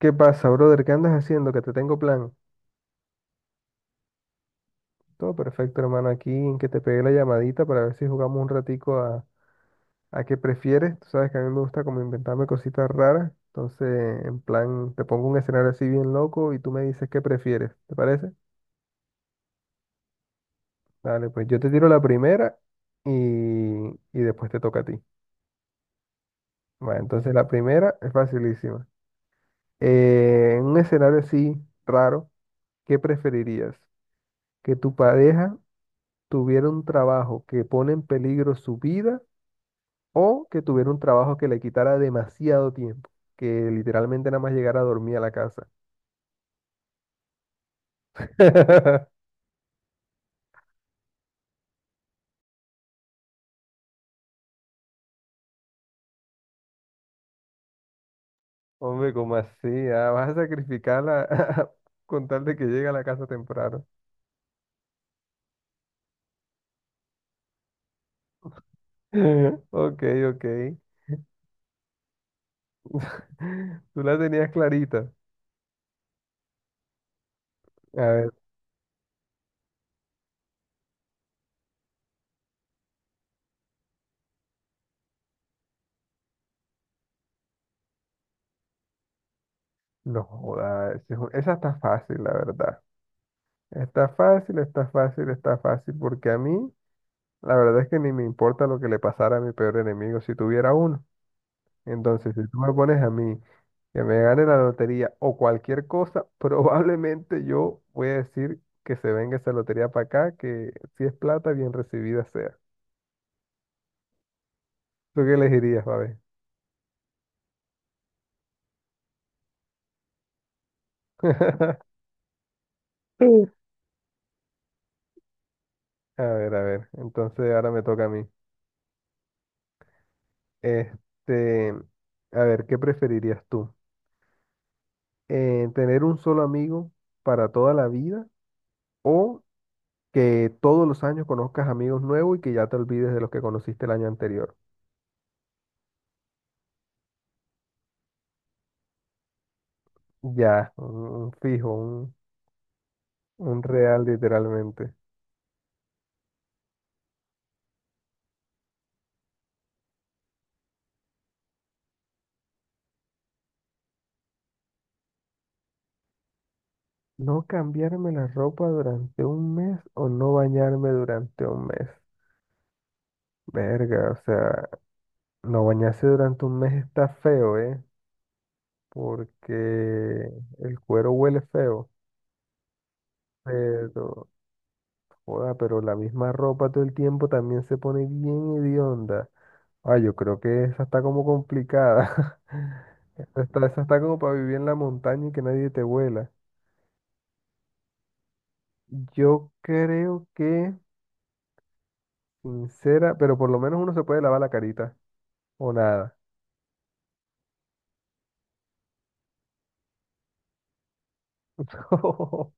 ¿Qué pasa, brother? ¿Qué andas haciendo? Que te tengo plan. Todo perfecto, hermano. Aquí en que te pegué la llamadita para ver si jugamos un ratico a qué prefieres. Tú sabes que a mí me gusta como inventarme cositas raras. Entonces, en plan, te pongo un escenario así bien loco y tú me dices qué prefieres. ¿Te parece? Dale, pues yo te tiro la primera y, y después te toca a ti. Bueno, entonces la primera es facilísima. En un escenario así raro, ¿qué preferirías? ¿Que tu pareja tuviera un trabajo que pone en peligro su vida o que tuviera un trabajo que le quitara demasiado tiempo, que literalmente nada más llegara a dormir a la casa? Hombre, ¿cómo así? Ah, vas a sacrificarla con tal de que llegue a la casa temprano. Ok, ok. Tú la tenías clarita. A ver, no joda, esa está fácil, la verdad. Está fácil, está fácil, está fácil, porque a mí, la verdad es que ni me importa lo que le pasara a mi peor enemigo si tuviera uno. Entonces, si tú me pones a mí que me gane la lotería o cualquier cosa, probablemente yo voy a decir que se venga esa lotería para acá, que si es plata, bien recibida sea. ¿Tú qué elegirías, Babe? Sí. A ver, a ver. Entonces, ahora me toca a mí. Este, a ver, ¿qué preferirías tú? ¿Tener un solo amigo para toda la vida o que todos los años conozcas amigos nuevos y que ya te olvides de los que conociste el año anterior? Ya, un fijo. Un real literalmente. No cambiarme la ropa durante un mes o no bañarme durante un mes. Verga, o sea, no bañarse durante un mes está feo, ¿eh? Porque el cuero huele feo. Pero, joda, pero la misma ropa todo el tiempo también se pone bien hedionda. Ah, yo creo que esa está como complicada. Esa está como para vivir en la montaña y que nadie te huela. Yo creo que sincera, pero por lo menos uno se puede lavar la carita. O nada.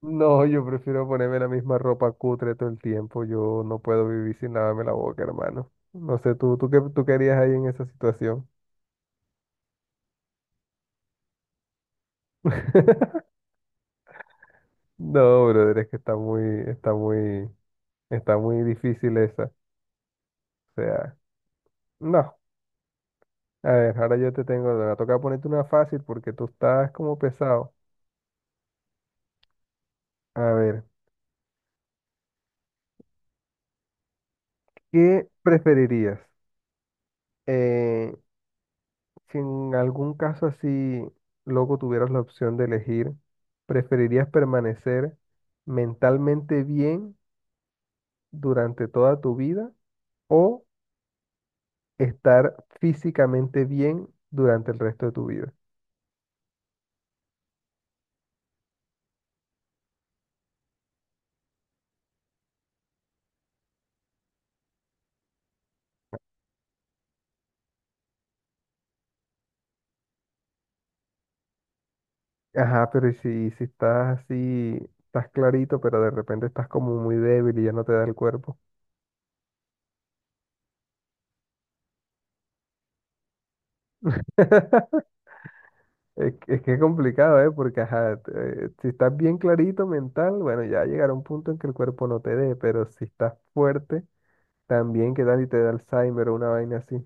No, yo prefiero ponerme la misma ropa cutre todo el tiempo. Yo no puedo vivir sin lavarme la boca, hermano. No sé, tú, qué tú querías ahí en esa situación. No, brother, es que está muy, está muy difícil esa. O sea, no. A ver, ahora yo te tengo, me va a tocar ponerte una fácil porque tú estás como pesado. A ver, ¿qué preferirías? Eh, Si en algún caso así, loco, tuvieras la opción de elegir, ¿preferirías permanecer mentalmente bien durante toda tu vida o estar físicamente bien durante el resto de tu vida? Ajá, pero ¿y si estás así, estás clarito, pero de repente estás como muy débil y ya no te da el cuerpo? Es que es complicado, ¿eh? Porque, ajá, si estás bien clarito mental, bueno, ya llegará un punto en que el cuerpo no te dé, pero si estás fuerte también, ¿qué tal si te da Alzheimer o una vaina así?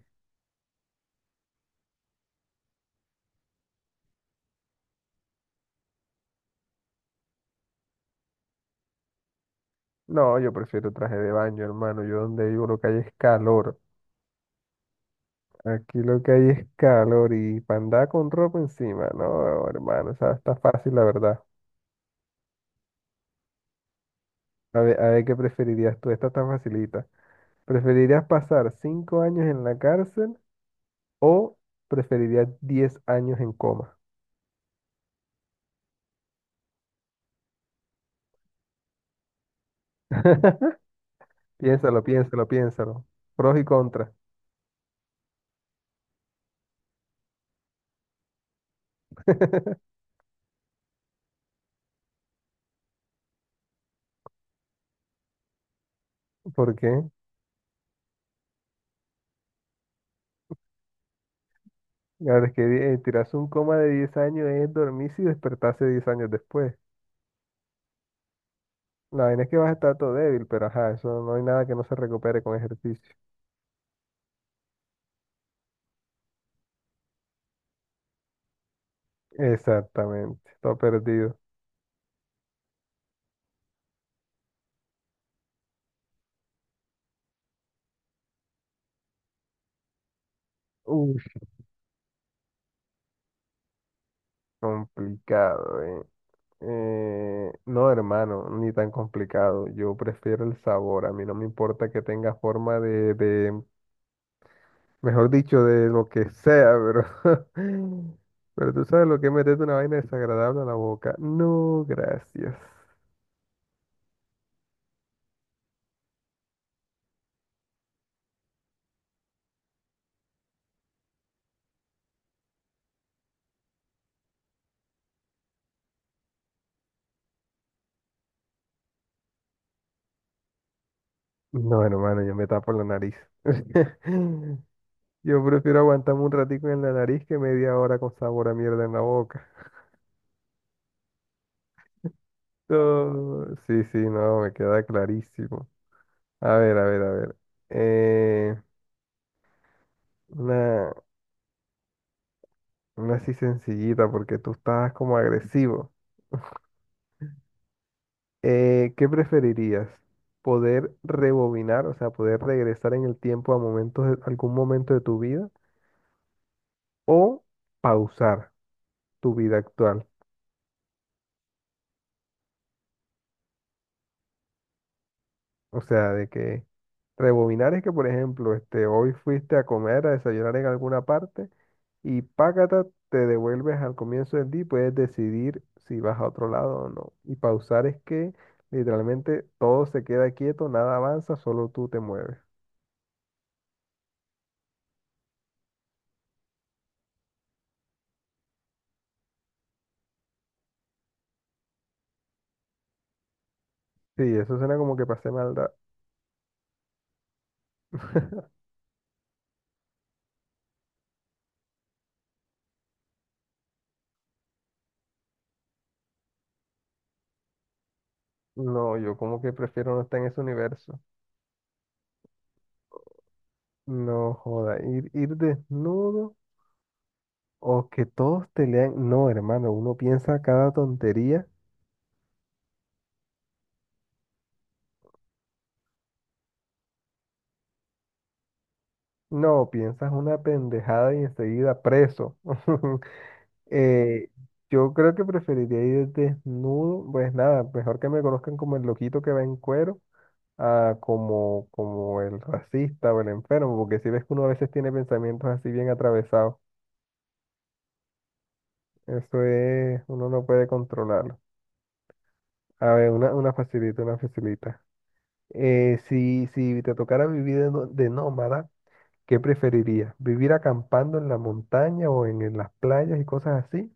No, yo prefiero traje de baño, hermano. Yo donde vivo lo que hay es calor. Aquí lo que hay es calor y para andar con ropa encima. No, hermano, o sea, está fácil, la verdad. A ver qué preferirías tú. Esta está facilita. ¿Preferirías pasar 5 años en la cárcel o preferirías 10 años en coma? Piénsalo, piénsalo, piénsalo. Pros y contras. ¿Por qué? Claro, es que tirarse un coma de 10 años es dormirse y despertarse 10 años después. La vaina es que vas a estar todo débil, pero ajá, eso no hay nada que no se recupere con ejercicio. Exactamente, todo perdido. Uf, complicado, eh. No, hermano, ni tan complicado. Yo prefiero el sabor. A mí no me importa que tenga forma mejor dicho, de lo que sea, pero, pero tú sabes lo que es meterte una vaina desagradable a la boca. No, gracias. No, hermano, yo me tapo la nariz. Yo prefiero aguantarme un ratico en la nariz que media hora con sabor a mierda en la boca. No, sí, sí, no, me queda clarísimo. A ver, a ver, a ver. Eh, una, una así sencillita porque tú estabas como agresivo. ¿Qué preferirías? ¿Poder rebobinar, o sea, poder regresar en el tiempo a algún momento de tu vida o pausar tu vida actual? O sea, de que rebobinar es que, por ejemplo, hoy fuiste a comer, a desayunar en alguna parte y págata, te devuelves al comienzo del día y puedes decidir si vas a otro lado o no. Y pausar es que literalmente todo se queda quieto, nada avanza, solo tú te mueves. Sí, eso suena como que pasé maldad. No, yo como que prefiero no estar en ese universo. No joda, ir desnudo o que todos te lean. No, hermano, uno piensa cada tontería. No, piensas una pendejada y enseguida preso. Eh, yo creo que preferiría ir desnudo, pues nada, mejor que me conozcan como el loquito que va en cuero, a como el racista o el enfermo, porque si ves que uno a veces tiene pensamientos así bien atravesados, eso es, uno no puede controlarlo. A ver, una facilita, una facilita. Si te tocara vivir de nómada, ¿qué preferirías? ¿Vivir acampando en la montaña o en las playas y cosas así?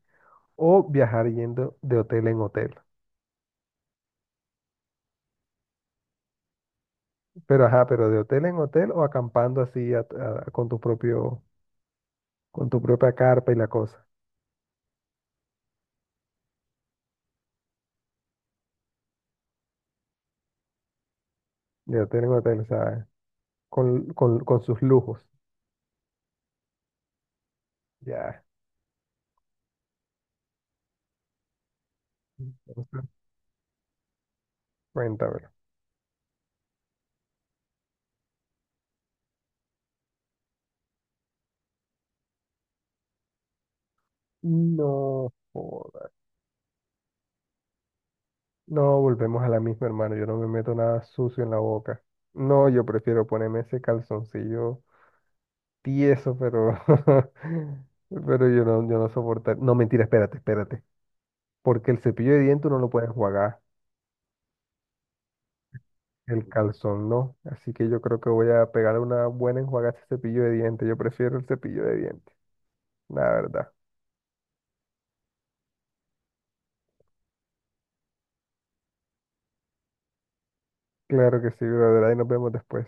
O viajar yendo de hotel en hotel. Pero ajá, pero de hotel en hotel o acampando así con tu propia carpa y la cosa. De hotel en hotel, o sea, con sus lujos. Ya. Entonces, cuéntamelo. No joda. No, volvemos a la misma, hermano. Yo no me meto nada sucio en la boca. No, yo prefiero ponerme ese calzoncillo tieso, pero, pero yo no soportar. No, mentira, espérate, espérate. Porque el cepillo de dientes uno lo puede enjuagar. El calzón no, así que yo creo que voy a pegar una buena enjuagada a ese cepillo de dientes. Yo prefiero el cepillo de dientes, la verdad. Claro que sí, brother. Ahí nos vemos después.